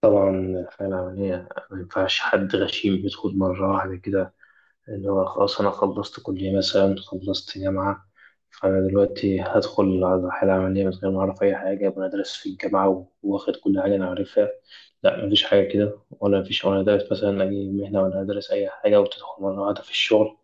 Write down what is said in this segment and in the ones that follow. طبعا الحياة العملية ما ينفعش حد غشيم يدخل مرة واحدة كده، اللي هو خلاص أنا خلصت كلية مثلا، خلصت جامعة، فأنا دلوقتي هدخل على الحياة العملية من غير ما أعرف أي حاجة، وأنا دارس في الجامعة وواخد كل حاجة أنا عارفها. لا، مفيش حاجة كده، ولا مفيش وأنا دارس مثلا أي مهنة ولا دارس أي حاجة وتدخل مرة واحدة في الشغل.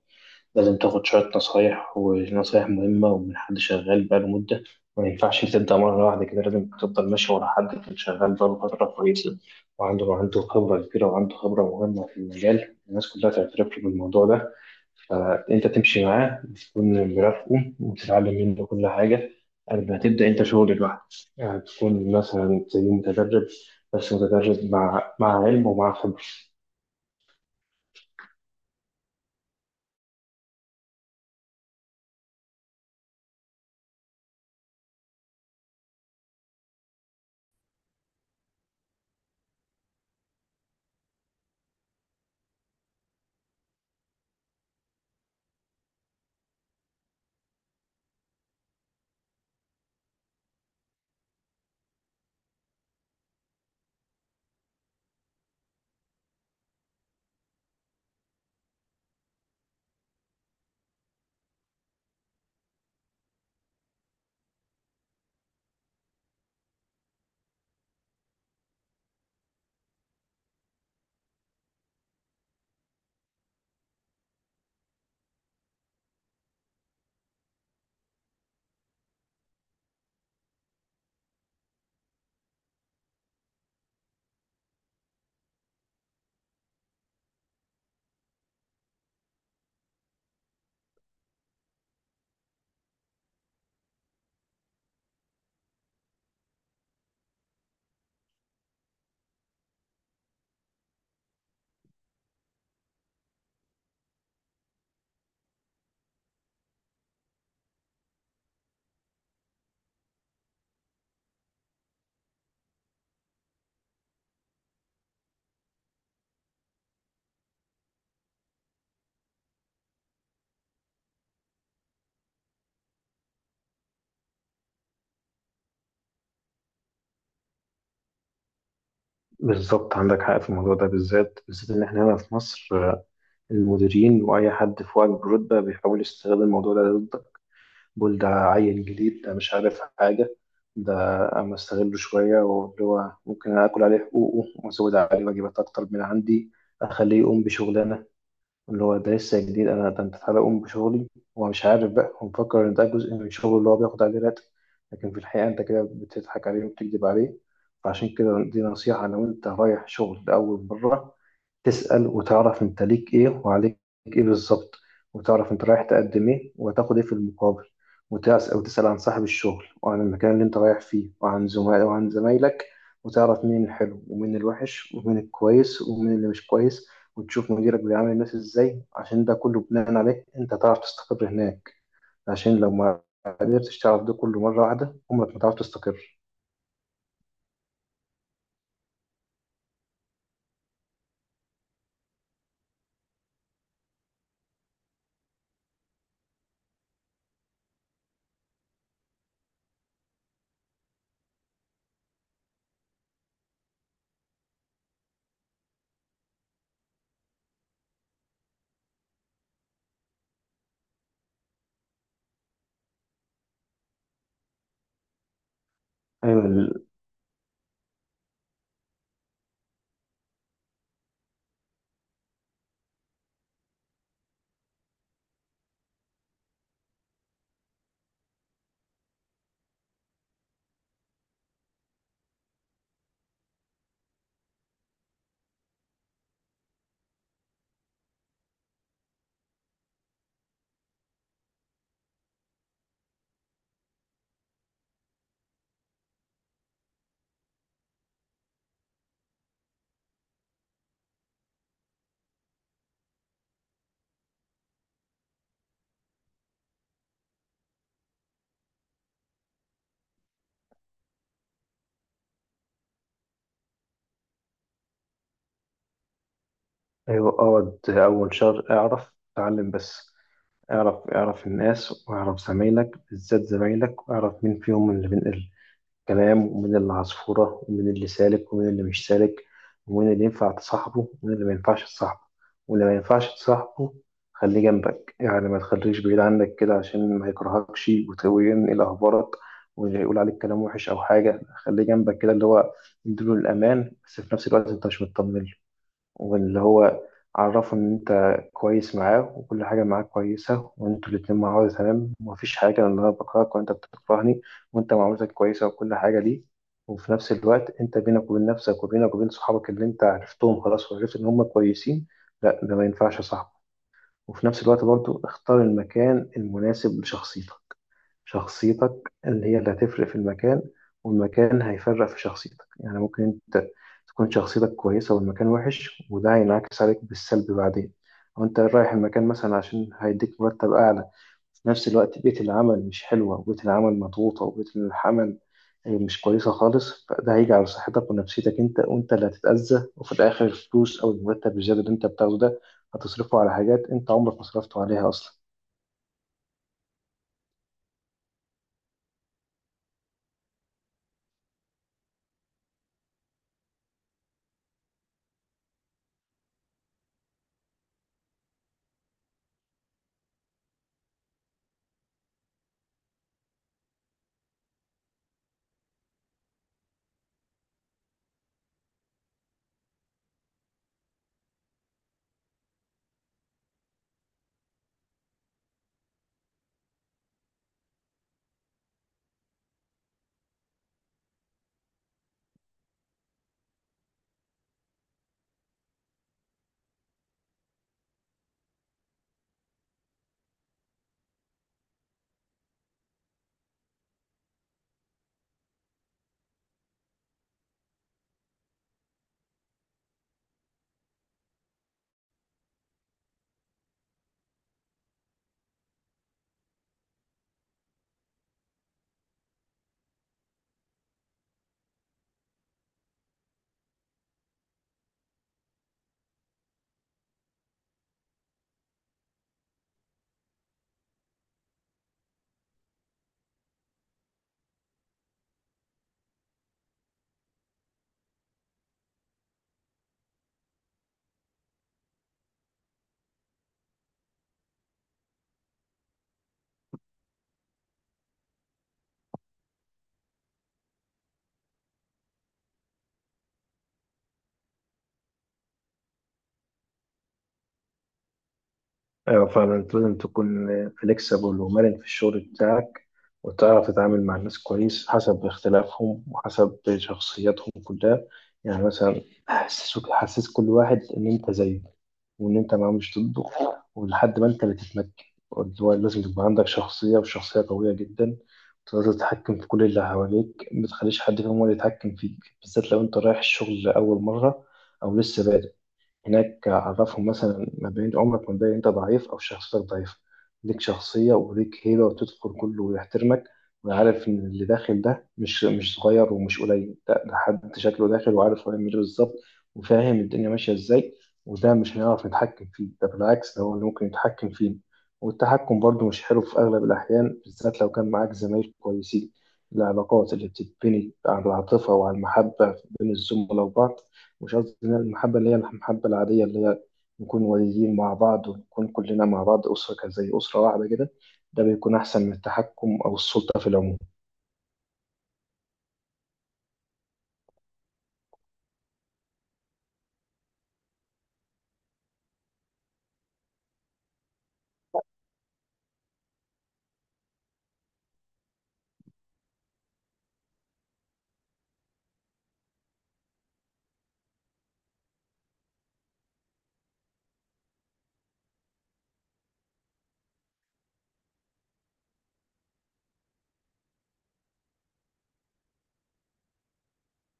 لازم تاخد شوية نصايح، ونصايح مهمة، ومن حد شغال بقاله مدة. ما ينفعش تبدأ مرة واحدة كده، لازم تفضل ماشي ورا حد كان شغال بقاله فترة كويسة، وعنده خبرة كبيرة، وعنده خبرة مهمة في المجال، الناس كلها تعترف له بالموضوع ده. فأنت تمشي معاه وتكون مرافقه وتتعلم منه كل حاجة قبل ما تبدأ أنت شغل لوحدك. يعني تكون مثلا زي متدرب، بس متدرب مع علم ومع خبرة. بالظبط، عندك حق في الموضوع ده بالذات، بالذات إن إحنا هنا في مصر المديرين واي حد في وعي برتبه بيحاول يستغل الموضوع ده ضدك. بيقول ده عيل جديد، ده مش عارف حاجه، ده اما استغله شويه، واللي هو ممكن اكل عليه حقوقه وازود عليه واجبات اكتر من عندي، اخليه يقوم بشغلانه اللي هو ده لسه جديد، انا ده انت تعالى قوم بشغلي. هو مش عارف بقى، هو مفكر ان ده جزء من شغله اللي هو بياخد عليه راتب، لكن في الحقيقه انت كده بتضحك عليه وبتكذب عليه. فعشان كده دي نصيحه: لو انت رايح شغل لاول مره، تسأل وتعرف انت ليك ايه وعليك ايه بالظبط، وتعرف انت رايح تقدم ايه وهتاخد ايه في المقابل. وتسأل وتسأل عن صاحب الشغل وعن المكان اللي انت رايح فيه وعن زملاء وعن زمايلك، وتعرف مين الحلو ومين الوحش ومين الكويس ومين اللي مش كويس. وتشوف مديرك بيعامل الناس ازاي، عشان ده كله بناء عليه انت تعرف تستقر هناك. عشان لو ما قدرتش تعرف ده كله مرة واحدة، عمرك ما تعرف تستقر. أيوة، أيوة، اقعد أول شهر اعرف اتعلم بس. اعرف، اعرف الناس واعرف زمايلك، بالذات زمايلك، واعرف مين فيهم اللي بينقل كلام، ومين اللي عصفورة، ومين اللي سالك ومين اللي مش سالك، ومين اللي ينفع تصاحبه ومين اللي ما ينفعش تصاحبه. واللي ما ينفعش تصاحبه خليه جنبك، يعني ما تخليش بعيد عنك كده، عشان ما يكرهكش وينقل أخبارك ويقول عليك كلام وحش أو حاجة. خليه جنبك كده، اللي هو يديله الأمان، بس في نفس الوقت أنت مش مطمن. واللي هو عرفه إن أنت كويس معاه وكل حاجة معاه كويسة، وأنتوا الاتنين مع بعض تمام، ومفيش حاجة إن أنا بكرهك وأنت بتكرهني، وأنت معاملتك كويسة وكل حاجة ليه، وفي نفس الوقت أنت بينك وبين نفسك وبينك وبين صحابك اللي أنت عرفتهم خلاص وعرفت إن هم كويسين، لا، ده ما ينفعش يا صاحبي. وفي نفس الوقت برضو اختار المكان المناسب لشخصيتك. شخصيتك اللي هي اللي هتفرق في المكان، والمكان هيفرق في شخصيتك. يعني ممكن انت تكون شخصيتك كويسة والمكان وحش، وده هينعكس عليك بالسلب بعدين. او انت رايح المكان مثلا عشان هيديك مرتب اعلى، في نفس الوقت بيئة العمل مش حلوة، وبيئة العمل مضغوطة، وبيئة العمل مش كويسة خالص، فده هيجي على صحتك ونفسيتك انت، وانت اللي هتتأذى، وفي الآخر الفلوس أو المرتب الزيادة اللي انت بتاخده ده هتصرفه على حاجات انت عمرك ما صرفته عليها أصلا. ايوه فعلا، انت لازم تكون فليكسبل ومرن في الشغل بتاعك، وتعرف تتعامل مع الناس كويس حسب اختلافهم وحسب شخصياتهم كلها. يعني مثلا حسسك، حسس كل واحد ان انت زيه وان انت ما مش ضده، ولحد ما انت اللي تتمكن، اللي هو لازم تبقى عندك شخصية، وشخصية قوية جدا، تقدر تتحكم في كل اللي حواليك. ما تخليش حد فيهم هو اللي يتحكم فيك، بالذات لو انت رايح الشغل لأول مرة او لسه بادئ هناك. عرفهم مثلا ما بين، عمرك ما تبين انت ضعيف او شخصيتك ضعيفه. ليك شخصيه وليك هيبه وتدخل كله ويحترمك، ويعرف ان اللي داخل ده مش صغير ومش قليل ده, ده حد شكله داخل وعارف هو يعمل ايه بالظبط وفاهم الدنيا ماشيه ازاي. وده مش هنعرف نتحكم فيه، ده بالعكس ده هو اللي ممكن يتحكم فيه. والتحكم برضه مش حلو في اغلب الاحيان، بالذات لو كان معاك زمايل كويسين. العلاقات اللي بتتبني على العاطفه وعلى المحبه بين الزملاء وبعض، مش قصدي المحبة اللي هي المحبة العادية، اللي هي نكون والدين مع بعض ونكون كلنا مع بعض أسرة كده- زي أسرة واحدة كده، ده بيكون أحسن من التحكم أو السلطة في العموم.